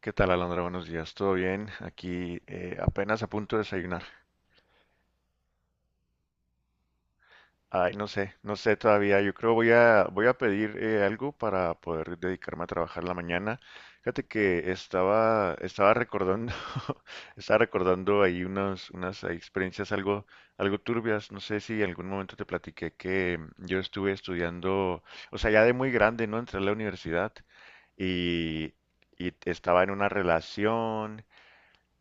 ¿Qué tal, Alondra? Buenos días, ¿todo bien? Aquí apenas a punto de desayunar. Ay, no sé, no sé todavía. Yo creo voy a pedir algo para poder dedicarme a trabajar la mañana. Fíjate que estaba recordando estaba recordando ahí unas ahí experiencias algo turbias. No sé si en algún momento te platiqué que yo estuve estudiando, o sea, ya de muy grande, ¿no? Entré a la universidad y estaba en una relación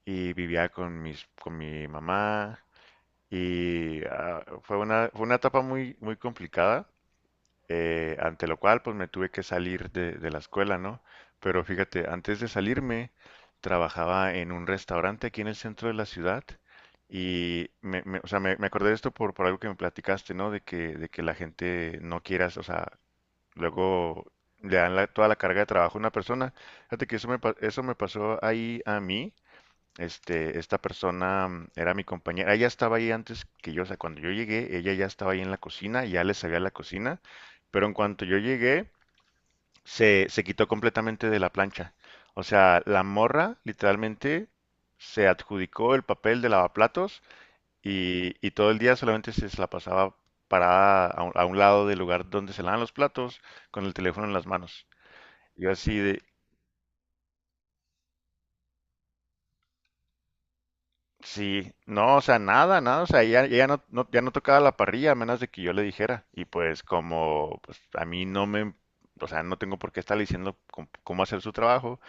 y vivía con con mi mamá y fue una etapa muy, muy complicada, ante lo cual pues me tuve que salir de la escuela, ¿no? Pero fíjate, antes de salirme trabajaba en un restaurante aquí en el centro de la ciudad y o sea, me acordé de esto por algo que me platicaste, ¿no? De que la gente no quiera, o sea, luego toda la carga de trabajo a una persona. Fíjate que eso me pasó ahí a mí. Esta persona era mi compañera. Ella estaba ahí antes que yo, o sea, cuando yo llegué, ella ya estaba ahí en la cocina, ya le sabía la cocina, pero en cuanto yo llegué, se quitó completamente de la plancha. O sea, la morra literalmente se adjudicó el papel de lavaplatos y todo el día solamente se la pasaba parada a a un lado del lugar donde se lavan los platos con el teléfono en las manos. Yo así de, sí, no, o sea, nada, nada, o sea, ella, ya no tocaba la parrilla a menos de que yo le dijera. Y pues como pues, a mí no me, o sea, no tengo por qué estarle diciendo cómo, cómo hacer su trabajo,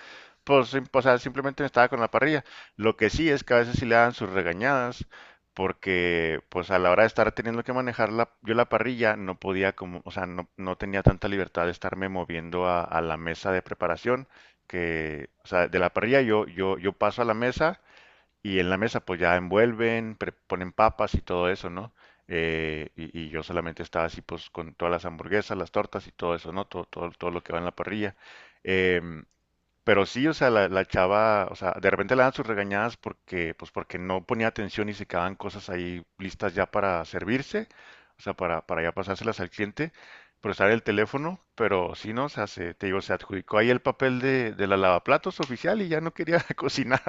pues, o sea, simplemente me estaba con la parrilla. Lo que sí es que a veces sí le dan sus regañadas, porque pues a la hora de estar teniendo que manejar la, yo la parrilla no podía como, o sea, no, no tenía tanta libertad de estarme moviendo a la mesa de preparación, que, o sea, de la parrilla yo paso a la mesa y en la mesa pues ya envuelven, ponen papas y todo eso, ¿no? Y yo solamente estaba así pues con todas las hamburguesas, las tortas y todo eso, ¿no? Todo, todo, todo lo que va en la parrilla. Em, pero sí, o sea, la chava, o sea, de repente le dan sus regañadas porque, pues porque no ponía atención y se quedaban cosas ahí listas ya para servirse, o sea, para ya pasárselas al cliente, pero estar el teléfono, pero sí, ¿no? O sea, se, te digo, se adjudicó ahí el papel de la lavaplatos oficial y ya no quería cocinar.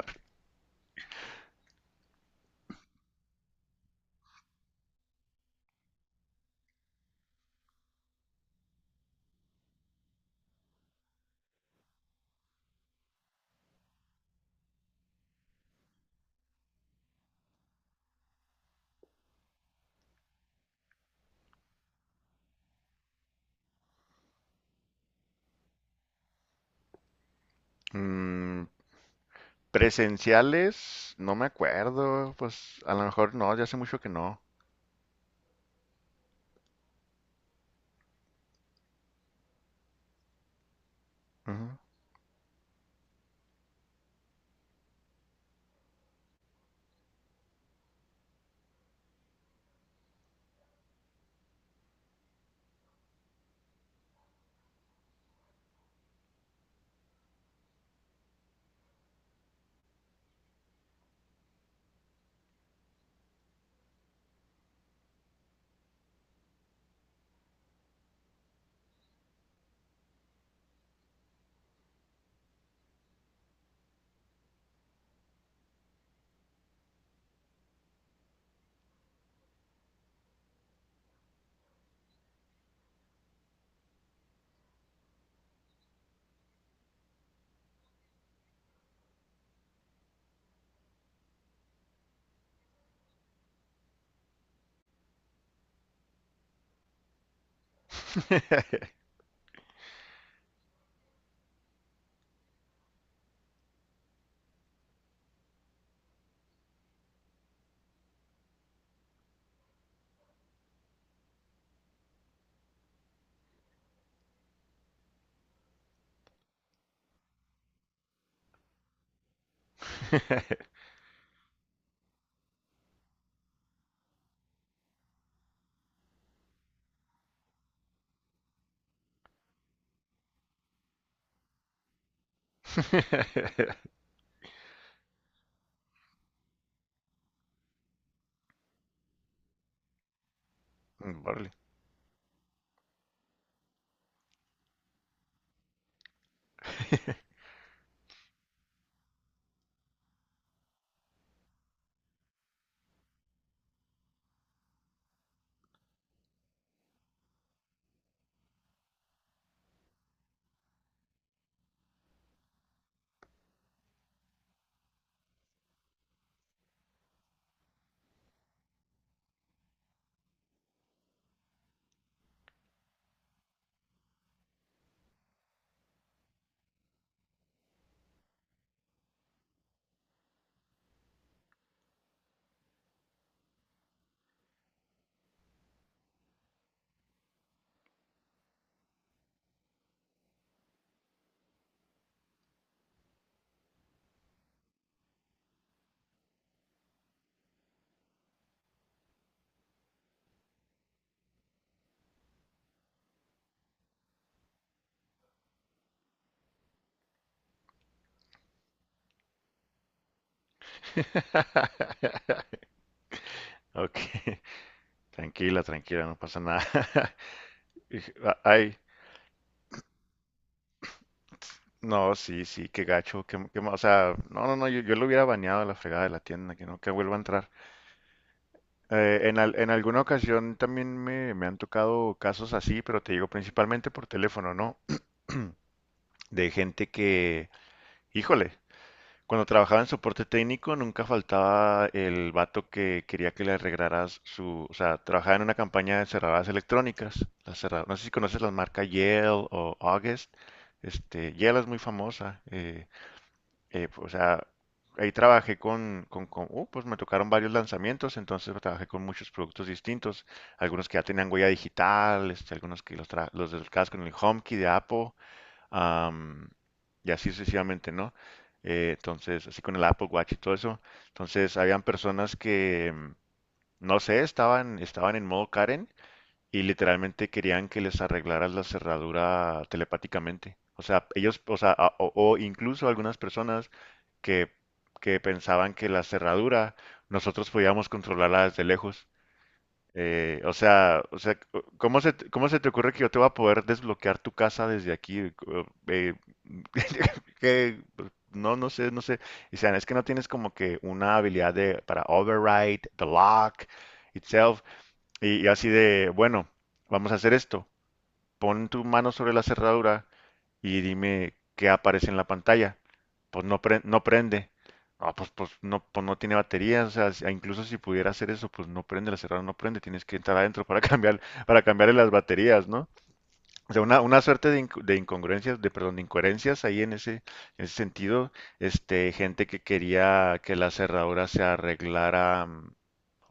Mm, presenciales, no me acuerdo, pues a lo mejor no, ya hace mucho que no. Ujú. Órale. Ok, tranquila, tranquila, no pasa nada. Dije, "Ah, ay, no, sí, sí, qué gacho, o sea, no, no, no, yo lo hubiera baneado a la fregada de la tienda, que no, que vuelva a entrar. En alguna ocasión también me han tocado casos así, pero te digo principalmente por teléfono, ¿no? De gente que, híjole, cuando trabajaba en soporte técnico nunca faltaba el vato que quería que le arreglaras su, o sea, trabajaba en una campaña de cerraduras electrónicas, no sé si conoces las marcas Yale o August, este, Yale es muy famosa, o sea, ahí trabajé con pues me tocaron varios lanzamientos, entonces trabajé con muchos productos distintos, algunos que ya tenían huella digital, este, algunos que los del casco en el HomeKey de Apple, am, y así sucesivamente, ¿no? Entonces, así con el Apple Watch y todo eso. Entonces, habían personas que, no sé, estaban en modo Karen y literalmente querían que les arreglaras la cerradura telepáticamente. O sea, ellos, o sea, o incluso algunas personas que, que pensaban que la cerradura nosotros podíamos controlarla desde lejos. O sea, ¿cómo cómo se te ocurre que yo te voy a poder desbloquear tu casa desde aquí? Que, pues, no, no sé, no sé. Y sean, es que no tienes como que una habilidad de, para override the lock itself. Y así de, bueno, vamos a hacer esto. Pon tu mano sobre la cerradura y dime qué aparece en la pantalla. Pues no, no prende. Ah, pues, pues no tiene batería. O sea, incluso si pudiera hacer eso, pues no prende, la cerradura no prende. Tienes que entrar adentro para cambiar, para cambiarle las baterías, ¿no? O sea, una suerte de incongruencias, de, perdón, de incoherencias ahí en ese sentido. Este, gente que quería que la cerradura se arreglara. Mm,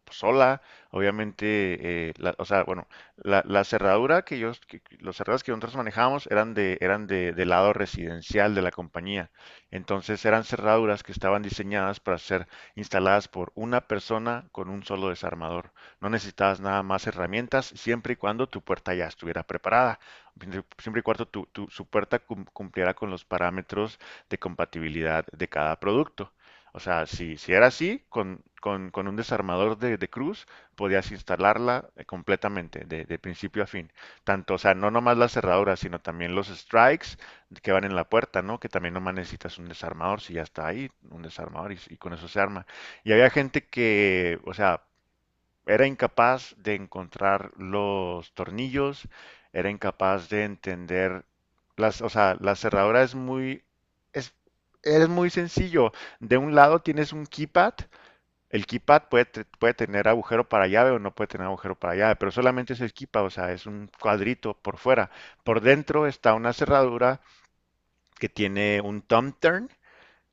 pues, sola. Obviamente, o sea, bueno, la cerradura que yo, que- los cerrados que nosotros manejábamos eran del lado residencial de la compañía. Entonces eran cerraduras que estaban diseñadas para ser instaladas por una persona con un solo desarmador. No necesitabas nada más herramientas, siempre y cuando tu puerta ya estuviera preparada. Siempre y cuando su puerta cumpliera con los parámetros de compatibilidad de cada producto. O sea, si, si era así, con un desarmador de cruz podías instalarla completamente, de principio a fin. Tanto, o sea, no nomás las cerraduras, sino también los strikes que van en la puerta, ¿no? Que también nomás necesitas un desarmador, si ya está ahí, un desarmador y con eso se arma. Y había gente que, o sea, era incapaz de encontrar los tornillos, era incapaz de entender las, o sea, la cerradura es muy, es, es muy sencillo. De un lado tienes un keypad, el keypad puede, puede tener agujero para llave o no puede tener agujero para llave, pero solamente es el keypad, o sea, es un cuadrito por fuera. Por dentro está una cerradura que tiene un thumb turn,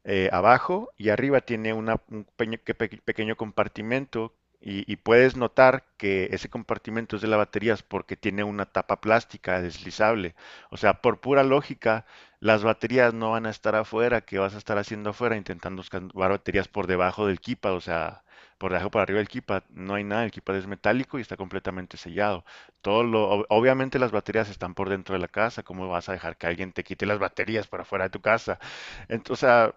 abajo y arriba tiene una, un pequeño, pequeño compartimento y puedes notar que ese compartimento es de las baterías porque tiene una tapa plástica deslizable. O sea, por pura lógica, las baterías no van a estar afuera, que vas a estar haciendo afuera intentando buscar baterías por debajo del kipa, o sea, por debajo para arriba del kipa, no hay nada, el kipa es metálico y está completamente sellado. Todo lo, obviamente las baterías están por dentro de la casa, ¿cómo vas a dejar que alguien te quite las baterías para afuera de tu casa? Entonces, o sea,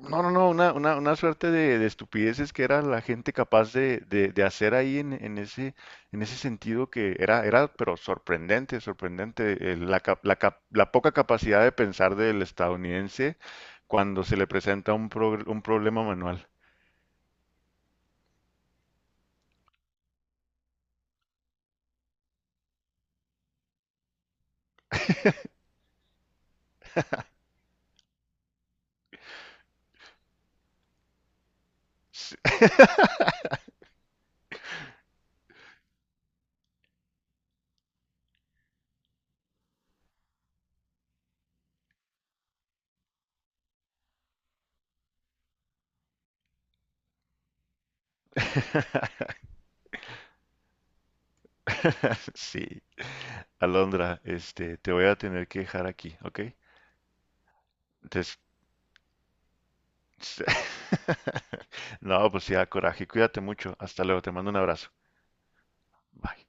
no, no, no, una suerte de estupideces que era la gente capaz de de hacer ahí en ese sentido que era, era, pero sorprendente, sorprendente, la poca capacidad de pensar del estadounidense cuando se le presenta un, un problema manual. Sí. Sí, Alondra, este, te voy a tener que dejar aquí, ¿ok? Entonces, no, pues sí, da coraje, cuídate mucho, hasta luego, te mando un abrazo. Bye.